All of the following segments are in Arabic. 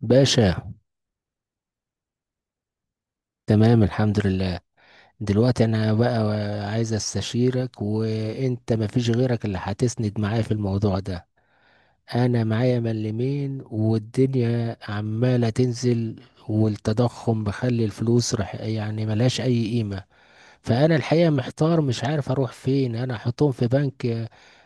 باشا، تمام الحمد لله. دلوقتي انا بقى عايز استشيرك وانت مفيش غيرك اللي هتسند معايا في الموضوع ده. انا معايا ملمين والدنيا عمالة تنزل، والتضخم مخلي الفلوس رح يعني ملهاش اي قيمة. فانا الحقيقه محتار مش عارف اروح فين، انا احطهم في بنك؟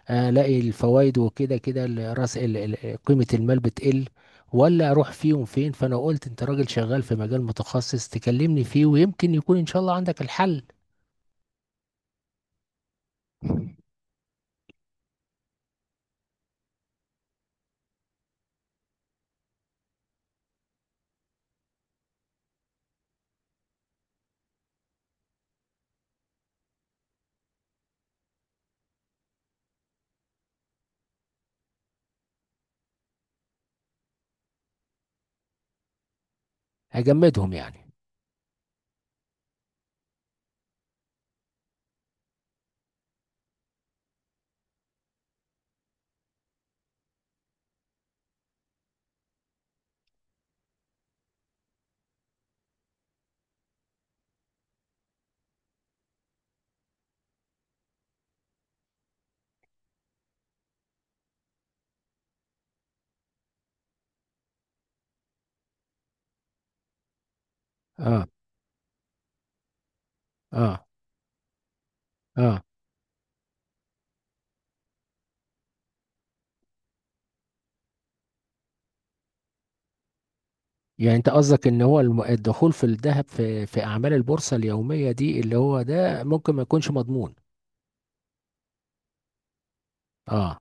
الاقي الفوائد وكده كده قيمه المال بتقل، ولا اروح فيهم فين؟ فانا قلت انت راجل شغال في مجال متخصص تكلمني فيه ويمكن يكون ان شاء الله عندك الحل. اجمدهم يعني. اه. اه. اه، يعني انت قصدك ان هو الدخول في الذهب، في اعمال البورصه اليوميه دي اللي هو ده ممكن ما يكونش مضمون. اه.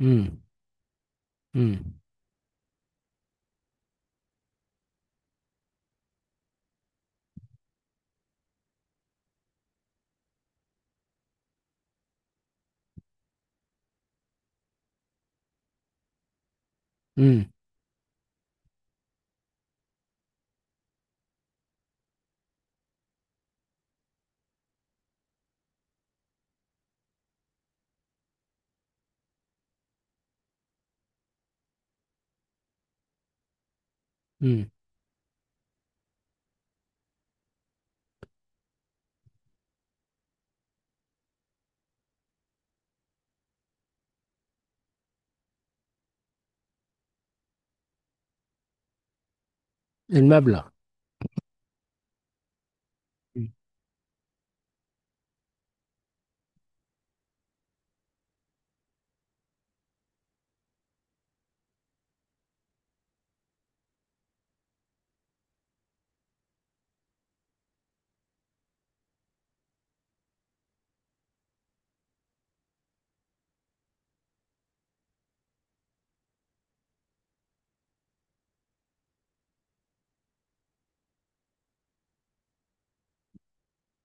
امم امم امم امم. المبلغ. امم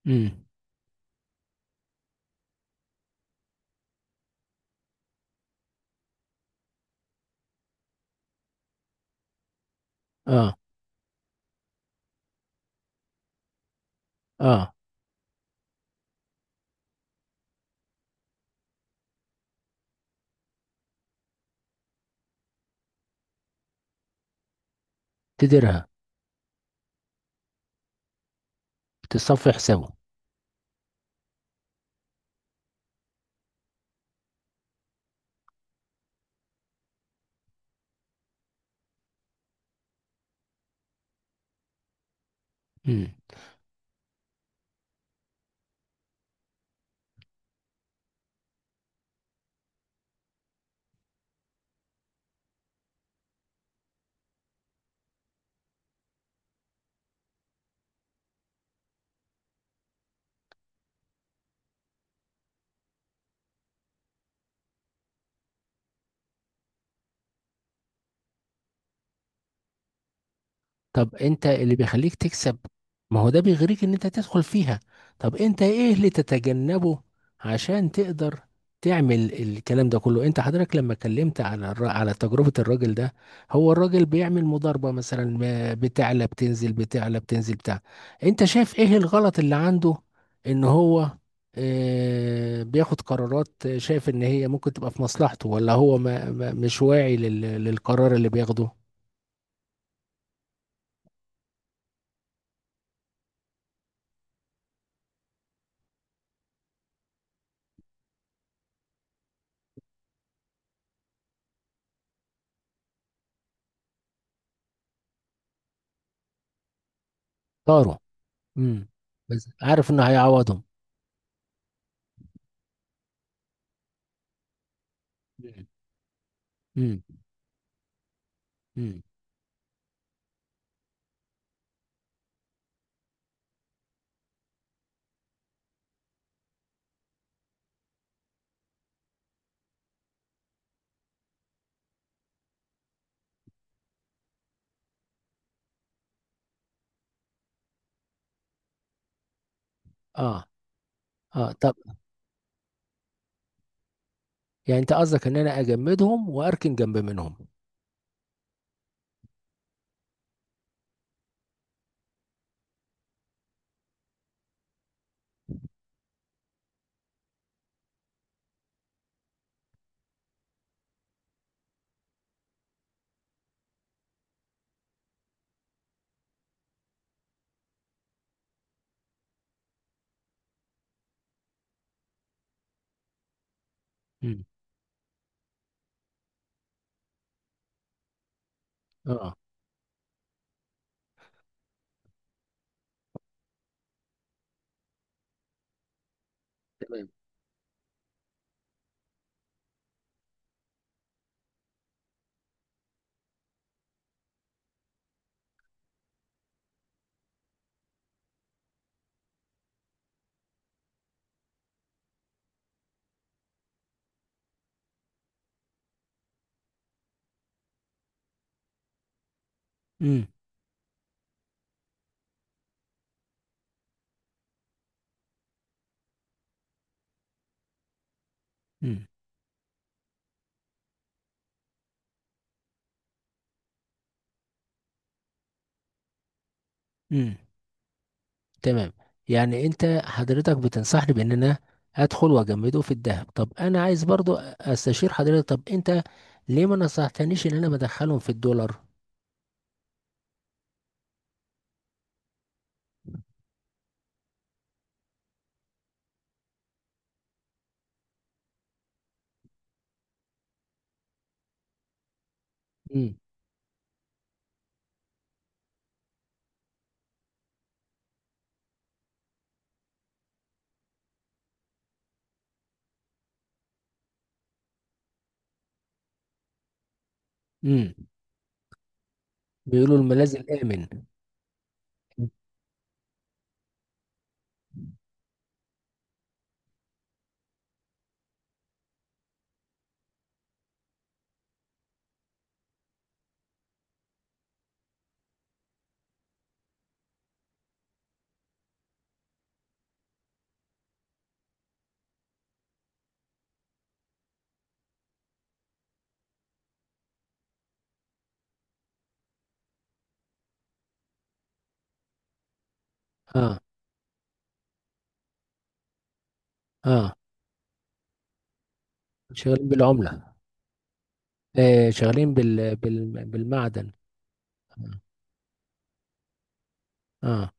إمم. اه. اه تديرها، تصفي حسابه. مم. طب انت اللي بيخليك تكسب، ما هو ده بيغريك ان انت تدخل فيها. طب انت ايه اللي تتجنبه عشان تقدر تعمل الكلام ده كله؟ انت حضرتك لما اتكلمت على على تجربة الراجل ده، هو الراجل بيعمل مضاربة مثلا، بتعلى بتنزل بتعلى بتنزل بتاع. انت شايف ايه الغلط اللي عنده؟ ان هو اه بياخد قرارات شايف ان هي ممكن تبقى في مصلحته، ولا هو ما مش واعي للقرار اللي بياخده؟ طاروا. امم، بس عارف انه هيعوضهم. مم. امم. امم. اه. اه طب، يعني انت قصدك ان انا اجمدهم واركن جنب منهم. امم. اه. تمام. امم. امم. امم. تمام، يعني انت حضرتك بتنصحني بان انا ادخل واجمده في الذهب. طب انا عايز برضو استشير حضرتك، طب انت ليه ما نصحتنيش ان انا بدخلهم في الدولار؟ امم. امم، بيقولوا الملاذ الامن. مم. اه. اه شغالين بالعملة. شغالين بالمعدن. اه.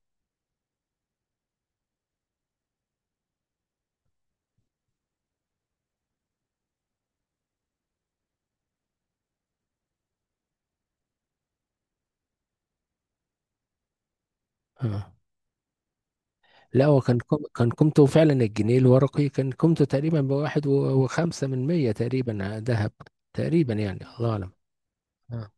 اه، لا هو كان كان قيمته فعلا، الجنيه الورقي كان قيمته تقريبا بواحد وخمسة من مية تقريبا، ذهب. تقريبا يعني الله أعلم. آه.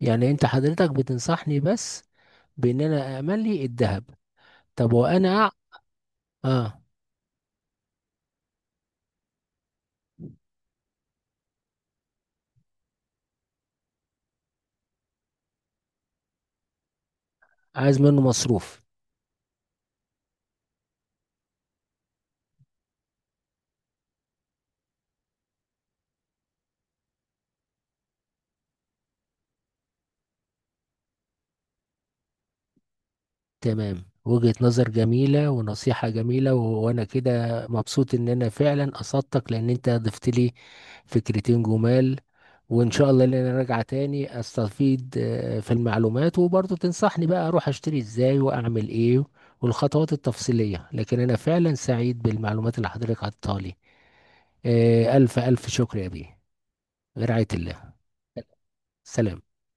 يعني أنت حضرتك بتنصحني بس بإن أنا أأمن لي الذهب. طب وأنا اه عايز منه مصروف. تمام، وجهة نظر جميلة ونصيحة جميلة، وأنا كده مبسوط إن أنا فعلا أصدتك لأن أنت ضفت لي فكرتين جمال. وإن شاء الله إن أنا راجعة تاني أستفيد في المعلومات، وبرضه تنصحني بقى أروح أشتري إزاي وأعمل إيه والخطوات التفصيلية. لكن أنا فعلا سعيد بالمعلومات اللي حضرتك عطتها لي. ألف ألف شكر يا بيه. برعاية الله. سلام.